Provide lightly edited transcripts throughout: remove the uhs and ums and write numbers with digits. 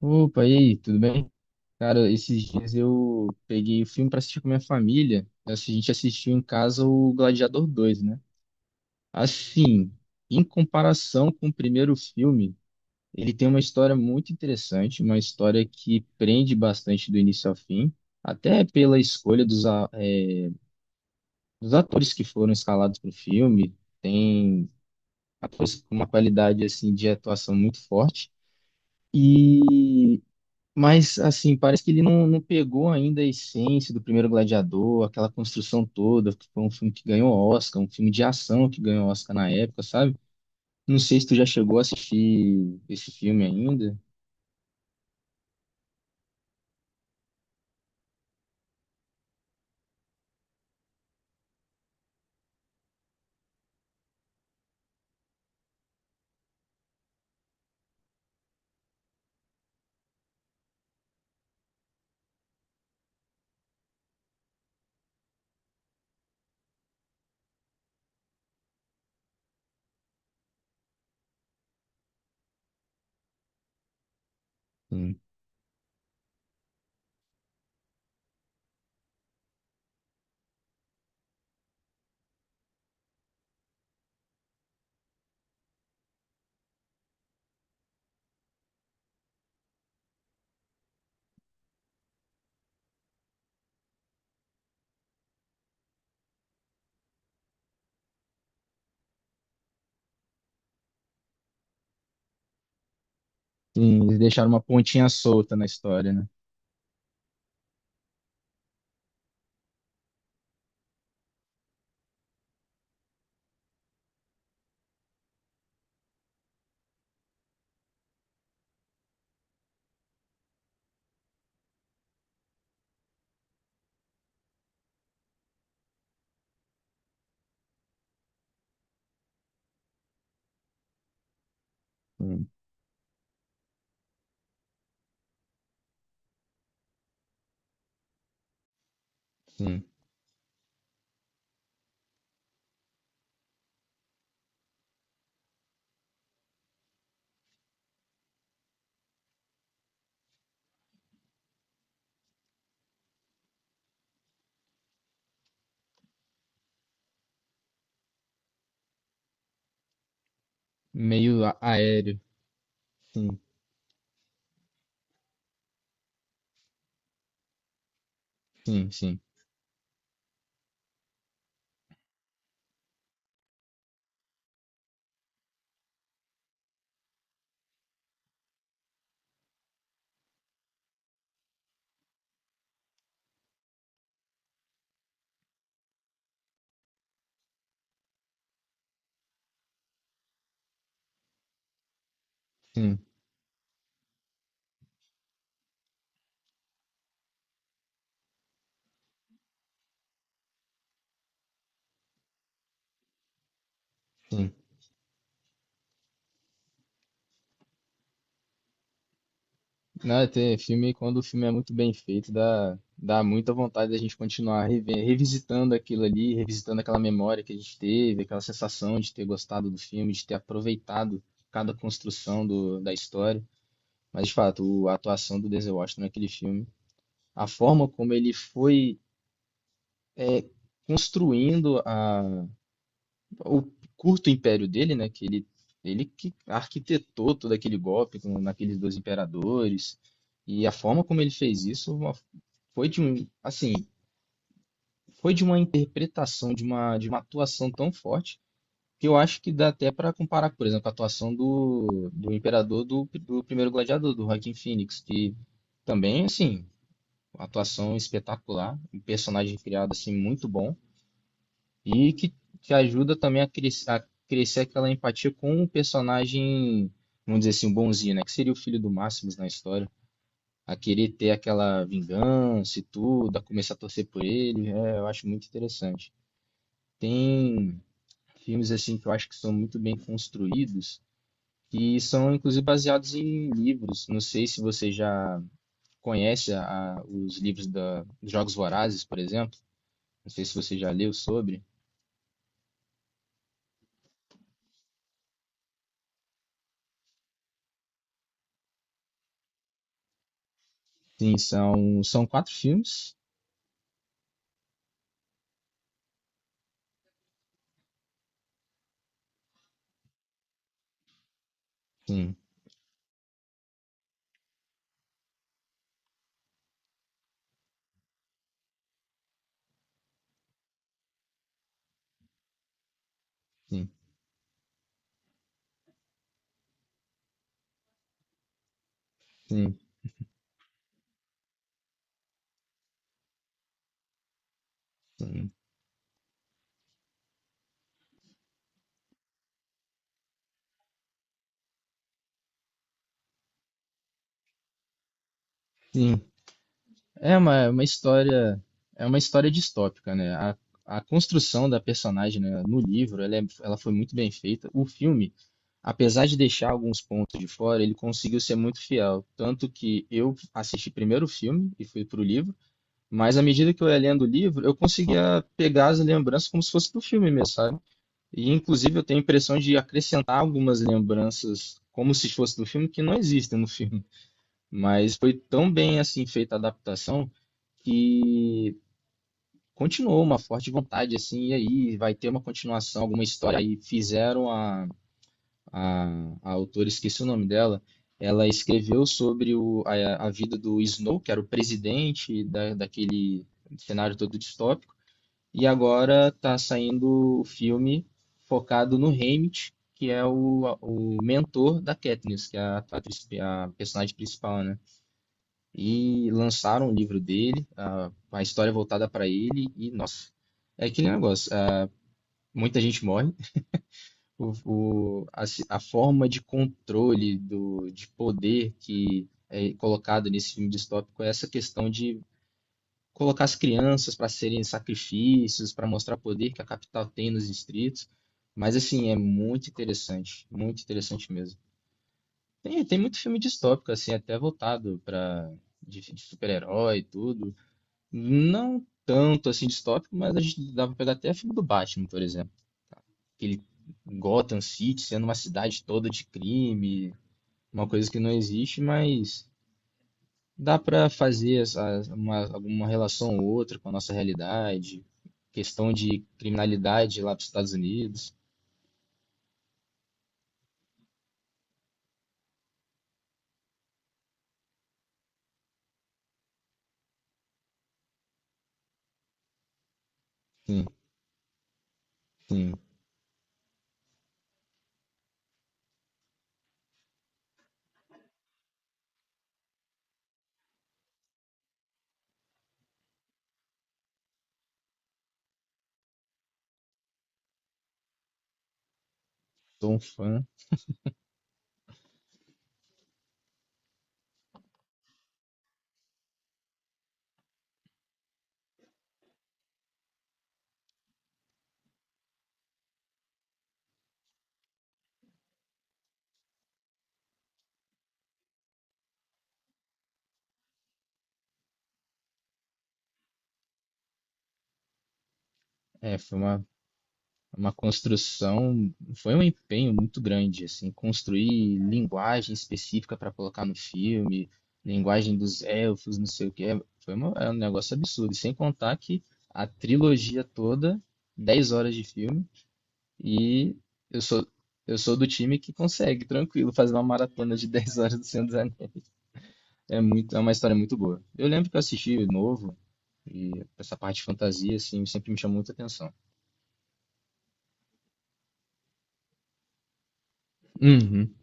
Opa, e aí, tudo bem? Cara, esses dias eu peguei o filme pra assistir com minha família. A gente assistiu em casa o Gladiador dois, né? Assim, em comparação com o primeiro filme, ele tem uma história muito interessante, uma história que prende bastante do início ao fim, até pela escolha dos atores que foram escalados para o filme. Tem atores com uma qualidade assim de atuação muito forte. E Mas, assim, parece que ele não, não pegou ainda a essência do primeiro Gladiador, aquela construção toda, que foi um filme que ganhou Oscar, um filme de ação que ganhou Oscar na época, sabe? Não sei se tu já chegou a assistir esse filme ainda. Sim. Sim, eles deixaram uma pontinha solta na história, né? Sim, sim. Meio aéreo. Sim, sim, sim, sim, sim. Não, é, tem filme, quando o filme é muito bem feito, dá muita vontade da gente continuar revisitando aquilo ali, revisitando aquela memória que a gente teve, aquela sensação de ter gostado do filme, de ter aproveitado cada construção da história. Mas, de fato, a atuação do Denzel Washington naquele filme, a forma como ele foi é, construindo o curto império dele, né? Que ele que arquitetou todo aquele golpe naqueles dois imperadores. E a forma como ele fez isso assim, foi de uma interpretação, de uma atuação tão forte que eu acho que dá até para comparar, por exemplo, a atuação do imperador do primeiro gladiador, do Joaquin Phoenix, que também, assim, uma atuação espetacular, um personagem criado, assim, muito bom. E que te ajuda também a crescer aquela empatia com o personagem, vamos dizer assim, bonzinho, né? Que seria o filho do Máximos na história. A querer ter aquela vingança e tudo, a começar a torcer por ele. É, eu acho muito interessante. Tem filmes assim que eu acho que são muito bem construídos, que são inclusive baseados em livros. Não sei se você já conhece os livros da dos Jogos Vorazes, por exemplo. Não sei se você já leu sobre. Sim, são quatro filmes. Sim, sim, sim, sim, sim. É uma, é uma história, é uma história distópica, né? A construção da personagem, né, no livro, ela foi muito bem feita. O filme, apesar de deixar alguns pontos de fora, ele conseguiu ser muito fiel. Tanto que eu assisti primeiro o filme e fui pro livro, mas à medida que eu ia lendo o livro, eu conseguia pegar as lembranças como se fosse do filme mesmo, sabe? E inclusive eu tenho a impressão de acrescentar algumas lembranças como se fosse do filme que não existem no filme. Mas foi tão bem assim feita a adaptação que continuou uma forte vontade assim, e aí vai ter uma continuação, alguma história. Aí fizeram a, a autora, esqueci o nome dela, ela escreveu sobre a vida do Snow, que era o presidente daquele cenário todo distópico, e agora está saindo o filme focado no Haymitch, que é o mentor da Katniss, que é a personagem principal, né? E lançaram o livro dele, ah, uma história voltada para ele, e nossa, é aquele negócio, ah, muita gente morre, a forma de controle, de poder que é colocado nesse filme distópico é essa questão de colocar as crianças para serem sacrifícios, para mostrar o poder que a capital tem nos distritos, mas assim, é muito interessante mesmo. Tem muito filme distópico, assim, até voltado de super-herói e tudo. Não tanto assim distópico, mas a gente dava pra pegar até filme do Batman, por exemplo. Aquele Gotham City sendo uma cidade toda de crime, uma coisa que não existe, mas dá pra fazer alguma relação ou outra com a nossa realidade. Questão de criminalidade lá dos Estados Unidos. Sim, sim, sou um fã. É, foi uma construção, foi um empenho muito grande, assim, construir linguagem específica para colocar no filme, linguagem dos elfos, não sei o quê, foi é um negócio absurdo. E sem contar que a trilogia toda, 10 horas de filme, e eu sou, eu sou do time que consegue, tranquilo, fazer uma maratona de 10 horas do Senhor dos Anéis. É uma história muito boa. Eu lembro que eu assisti novo, e essa parte de fantasia, assim, sempre me chamou muita atenção. Uhum.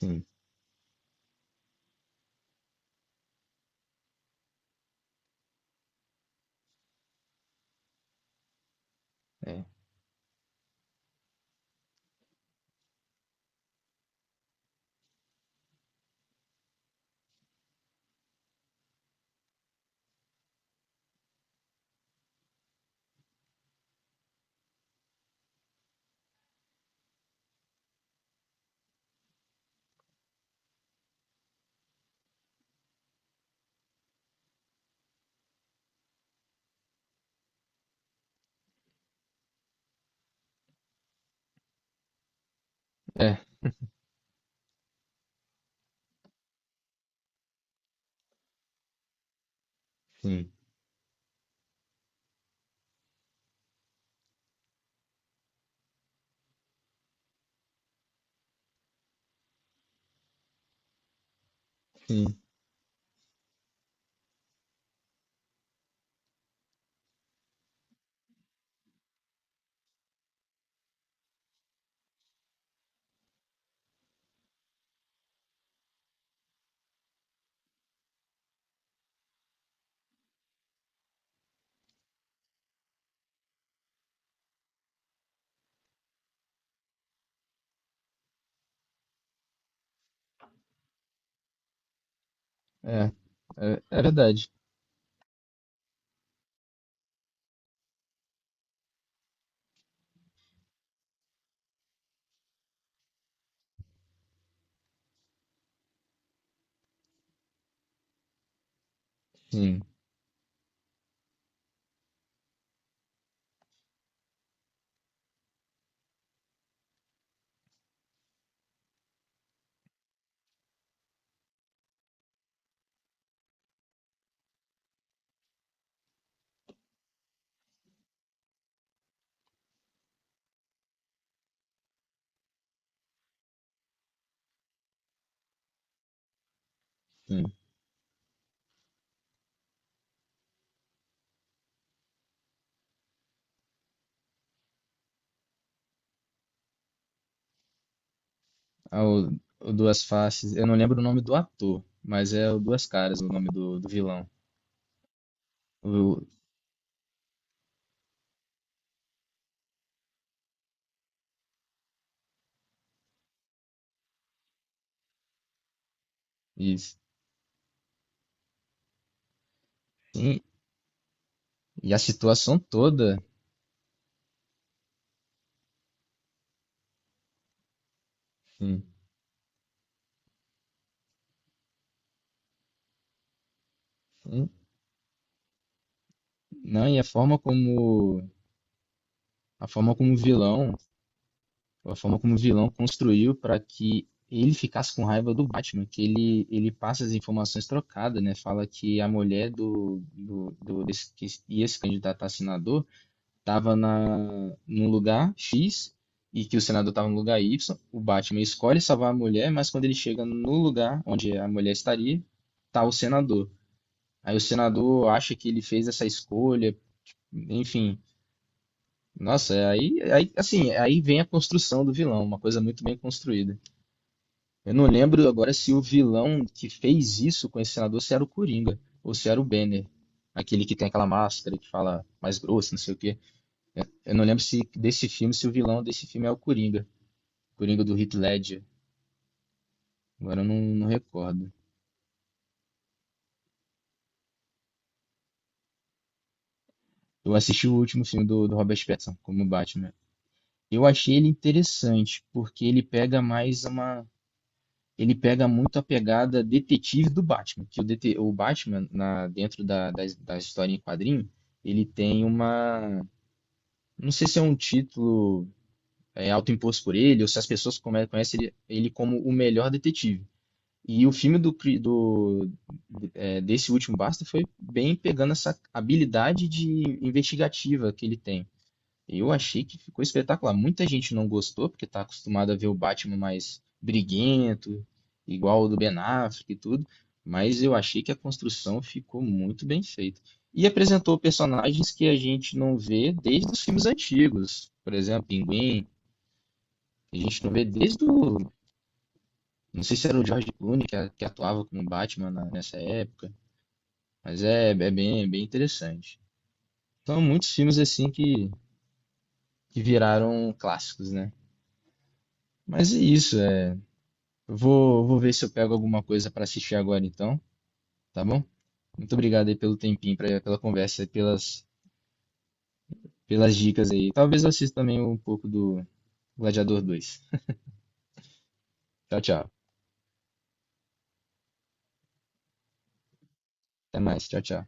Sim, é. É, sim. Sim, é, é verdade. Sim, sim. Ah, o Duas Faces, eu não lembro o nome do ator, mas é o Duas Caras o nome do vilão. O, isso. Sim, e a situação toda, sim, sim. Não, e a forma como o vilão, a forma como o vilão construiu para que ele ficasse com raiva do Batman, que ele passa as informações trocadas, né? Fala que a mulher do desse, que ia se candidatar a senador estava num lugar X e que o senador estava no lugar Y. O Batman escolhe salvar a mulher, mas quando ele chega no lugar onde a mulher estaria, tá o senador. Aí o senador acha que ele fez essa escolha, enfim. Nossa, é aí vem a construção do vilão, uma coisa muito bem construída. Eu não lembro agora se o vilão que fez isso com esse senador se era o Coringa ou se era o Banner, aquele que tem aquela máscara que fala mais grosso, não sei o quê. Eu não lembro se desse filme, se o vilão desse filme é o Coringa. Coringa do Heath Ledger. Agora eu não, não recordo. Eu assisti o último filme do Robert Pattinson como Batman. Eu achei ele interessante, porque ele pega mais uma. Ele pega muito a pegada detetive do Batman. Que o Batman, dentro da história em quadrinho, ele tem uma. Não sei se é um título autoimposto por ele, ou se as pessoas conhecem ele como o melhor detetive. E o filme do, pri- do- é, desse último Basta foi bem pegando essa habilidade de investigativa que ele tem. Eu achei que ficou espetacular. Muita gente não gostou, porque está acostumado a ver o Batman mais briguento, igual o do Ben Affleck e tudo, mas eu achei que a construção ficou muito bem feita. E apresentou personagens que a gente não vê desde os filmes antigos. Por exemplo, Pinguim, que a gente não vê desde o não sei se era o George Clooney que atuava como Batman nessa época, mas é bem interessante. São muitos filmes assim que viraram clássicos, né? Mas é isso, é. Eu vou ver se eu pego alguma coisa para assistir agora então, tá bom? Muito obrigado aí pelo tempinho, pela conversa, e pelas dicas aí. Talvez eu assista também um pouco do Gladiador 2. Tchau, tchau. Até mais. Tchau, tchau.